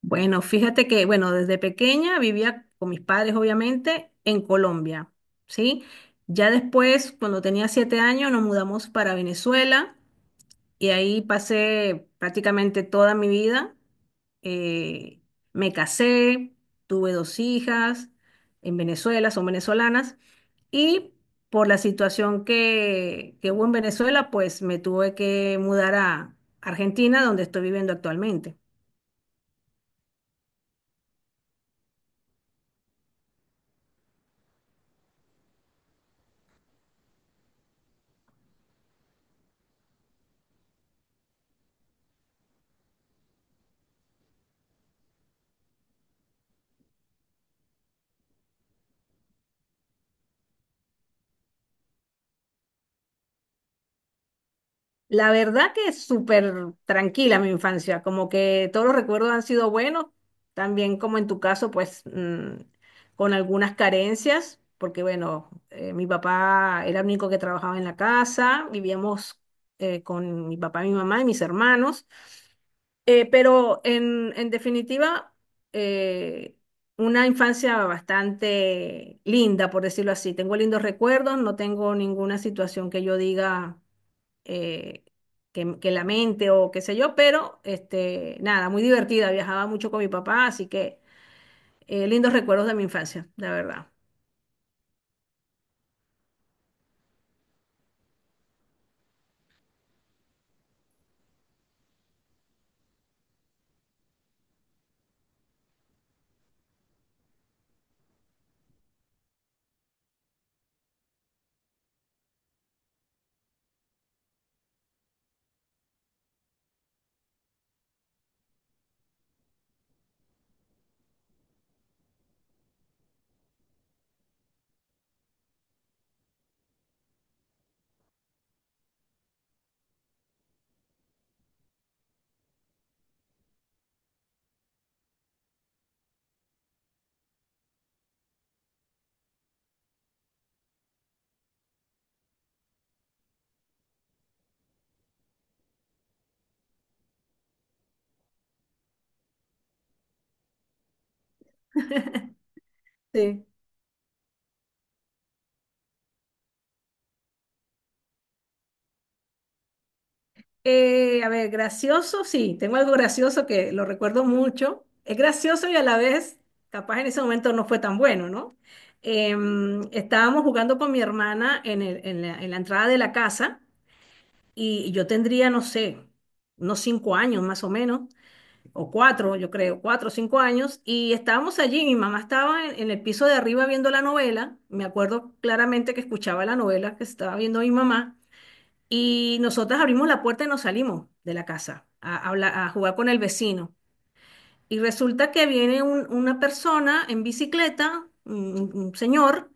Bueno, fíjate que, bueno, desde pequeña vivía con mis padres, obviamente, en Colombia, ¿sí? Ya después, cuando tenía 7 años, nos mudamos para Venezuela y ahí pasé prácticamente toda mi vida. Eh, Me casé, tuve dos hijas en Venezuela, son venezolanas, y por la situación que hubo en Venezuela, pues me tuve que mudar a Argentina, donde estoy viviendo actualmente. La verdad que es súper tranquila mi infancia, como que todos los recuerdos han sido buenos, también como en tu caso, pues con algunas carencias, porque bueno, mi papá era el único que trabajaba en la casa, vivíamos con mi papá, mi mamá y mis hermanos, pero en definitiva, eh, una infancia bastante linda, por decirlo así. Tengo lindos recuerdos, no tengo ninguna situación que yo diga eh, que la mente o qué sé yo, pero este, nada, muy divertida, viajaba mucho con mi papá, así que lindos recuerdos de mi infancia, la verdad. Sí. A ver, gracioso, sí, tengo algo gracioso que lo recuerdo mucho. Es gracioso y a la vez, capaz en ese momento no fue tan bueno, ¿no? Estábamos jugando con mi hermana en la entrada de la casa y yo tendría, no sé, unos 5 años más o menos. O cuatro, yo creo, 4 o 5 años, y estábamos allí, mi mamá estaba en el piso de arriba viendo la novela, me acuerdo claramente que escuchaba la novela que estaba viendo mi mamá, y nosotras abrimos la puerta y nos salimos de la casa a jugar con el vecino. Y resulta que viene una persona en bicicleta, un señor,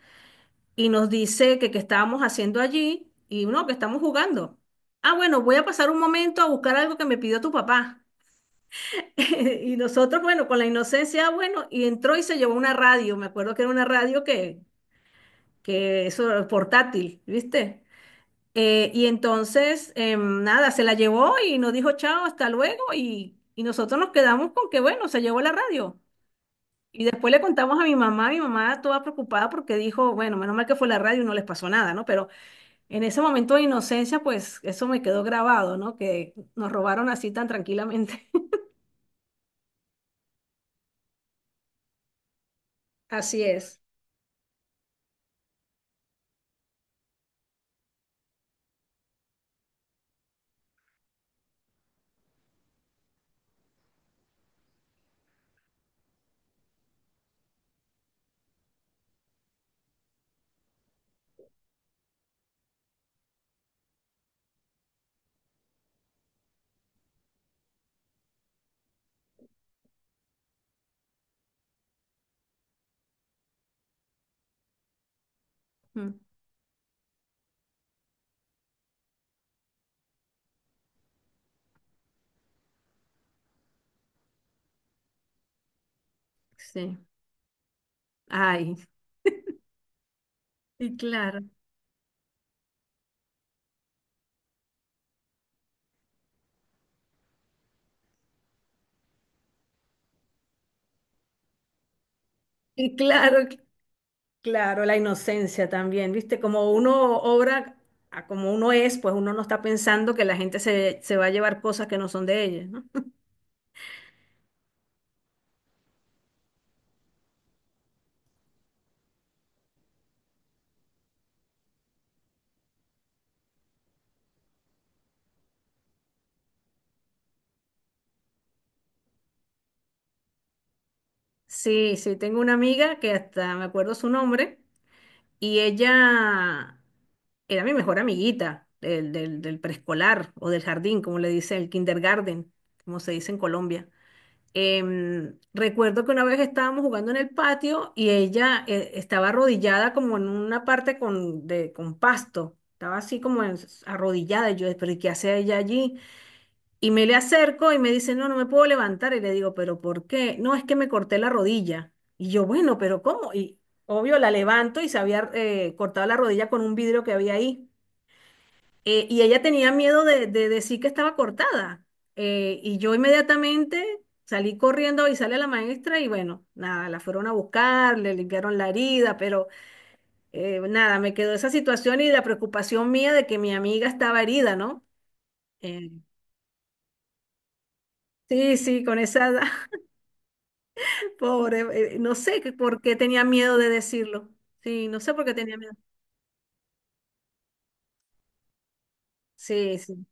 y nos dice que qué estábamos haciendo allí, y no, que estamos jugando. Ah, bueno, voy a pasar un momento a buscar algo que me pidió tu papá. Y nosotros, bueno, con la inocencia, bueno, y entró y se llevó una radio, me acuerdo que era una radio que eso era portátil, ¿viste? Y entonces, nada, se la llevó y nos dijo chao, hasta luego, y nosotros nos quedamos con que, bueno, se llevó la radio. Y después le contamos a mi mamá toda preocupada porque dijo, bueno, menos mal que fue la radio y no les pasó nada, ¿no? Pero en ese momento de inocencia, pues eso me quedó grabado, ¿no? Que nos robaron así tan tranquilamente. Así es. Mm, sí. Ay, y claro, y claro, claro, la inocencia también, ¿viste? Como uno obra a como uno es, pues uno no está pensando que la gente se va a llevar cosas que no son de ella, ¿no? Sí, sí, tengo una amiga que hasta me acuerdo su nombre y ella era mi mejor amiguita del preescolar o del jardín, como le dice el kindergarten, como se dice en Colombia. Recuerdo que una vez estábamos jugando en el patio y ella estaba arrodillada como en una parte con pasto. Estaba así arrodillada. Y yo, pero ¿y qué hace ella allí? Y me le acerco y me dice, no, no me puedo levantar. Y le digo, pero ¿por qué? No, es que me corté la rodilla. Y yo, bueno, pero ¿cómo? Y obvio, la levanto y se había cortado la rodilla con un vidrio que había ahí. Y ella tenía miedo de decir que estaba cortada. Y yo inmediatamente salí corriendo a avisarle a la maestra y bueno, nada, la fueron a buscar, le limpiaron la herida, pero nada, me quedó esa situación y la preocupación mía de que mi amiga estaba herida, ¿no? Eh, sí, sí, con esa edad, pobre, no sé por qué tenía miedo de decirlo. Sí, no sé por qué tenía miedo. Sí, sí,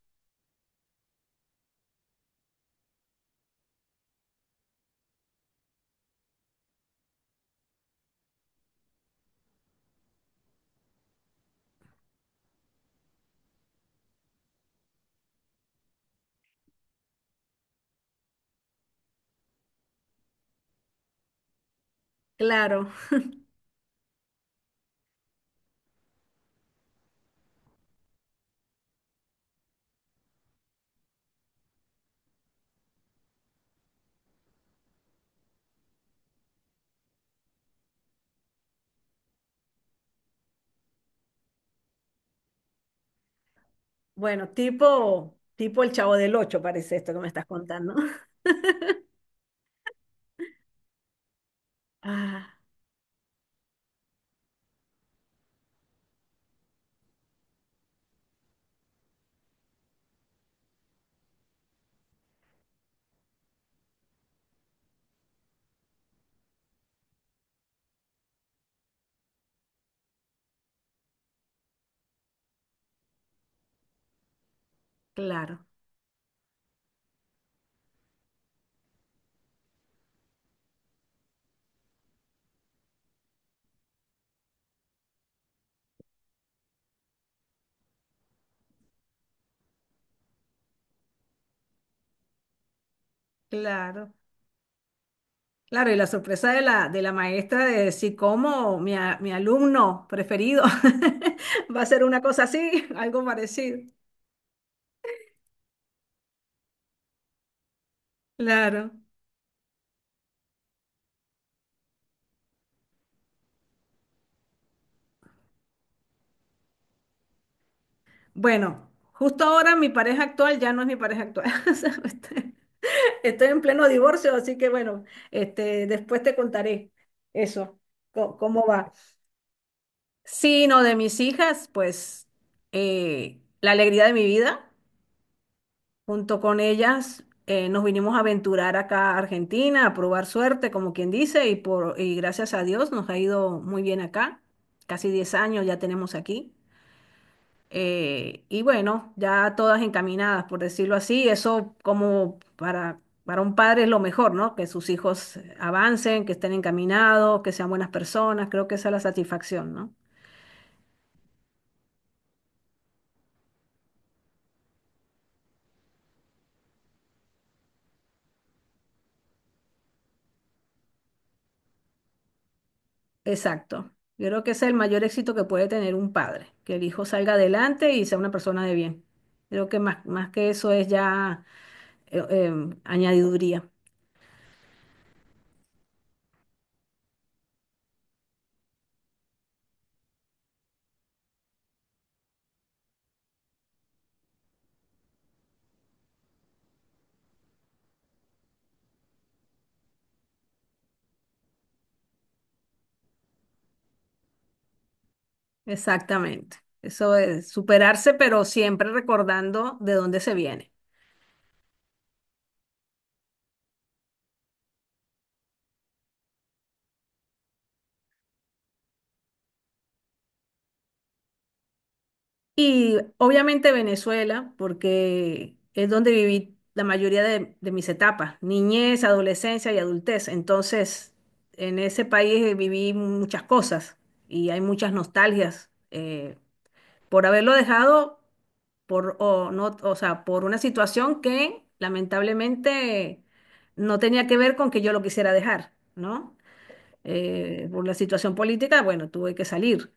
claro. Bueno, tipo el Chavo del Ocho parece esto que me estás contando. Ah, claro. Claro, claro, y la sorpresa de la maestra de decir cómo mi alumno preferido va a ser una cosa así, algo parecido. Claro. Bueno, justo ahora mi pareja actual ya no es mi pareja actual. O sea, estoy en pleno divorcio, así que bueno, este, después te contaré eso, cómo va. Sí, no, de mis hijas, pues la alegría de mi vida. Junto con ellas nos vinimos a aventurar acá a Argentina, a probar suerte, como quien dice, y gracias a Dios nos ha ido muy bien acá. Casi 10 años ya tenemos aquí. Y bueno, ya todas encaminadas, por decirlo así. Eso como para un padre es lo mejor, ¿no? Que sus hijos avancen, que estén encaminados, que sean buenas personas. Creo que esa es la satisfacción, ¿no? Exacto. Yo creo que ese es el mayor éxito que puede tener un padre, que el hijo salga adelante y sea una persona de bien. Creo que más, más que eso es ya añadiduría. Exactamente. Eso es superarse, pero siempre recordando de dónde se viene. Y obviamente Venezuela, porque es donde viví la mayoría de mis etapas, niñez, adolescencia y adultez. Entonces, en ese país viví muchas cosas y hay muchas nostalgias. Por haberlo dejado por, o no, o sea, por una situación que lamentablemente no tenía que ver con que yo lo quisiera dejar, ¿no? Por la situación política, bueno, tuve que salir.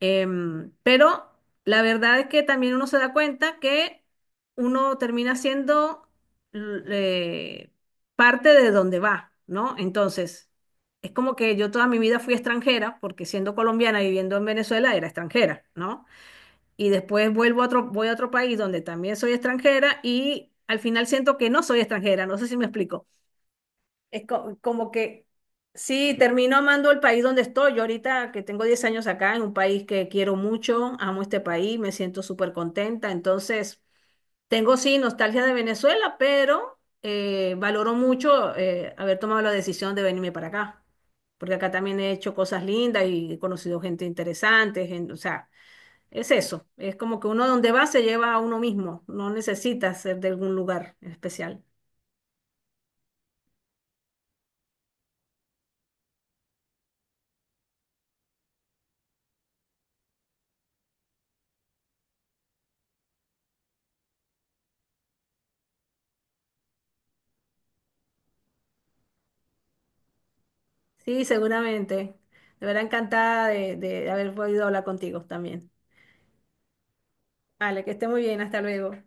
Pero la verdad es que también uno se da cuenta que uno termina siendo l- eh, parte de donde va, ¿no? Entonces, es como que yo toda mi vida fui extranjera, porque siendo colombiana y viviendo en Venezuela era extranjera, ¿no? Y después vuelvo a otro, voy a otro país donde también soy extranjera y al final siento que no soy extranjera, no sé si me explico. Es como que sí, termino amando el país donde estoy. Yo ahorita que tengo 10 años acá, en un país que quiero mucho, amo este país, me siento súper contenta. Entonces, tengo sí nostalgia de Venezuela, pero valoro mucho haber tomado la decisión de venirme para acá. Porque acá también he hecho cosas lindas y he conocido gente interesante, o sea, es eso, es como que uno donde va se lleva a uno mismo, no necesita ser de algún lugar en especial. Sí, seguramente. De verdad encantada de haber podido hablar contigo también. Vale, que esté muy bien, hasta luego.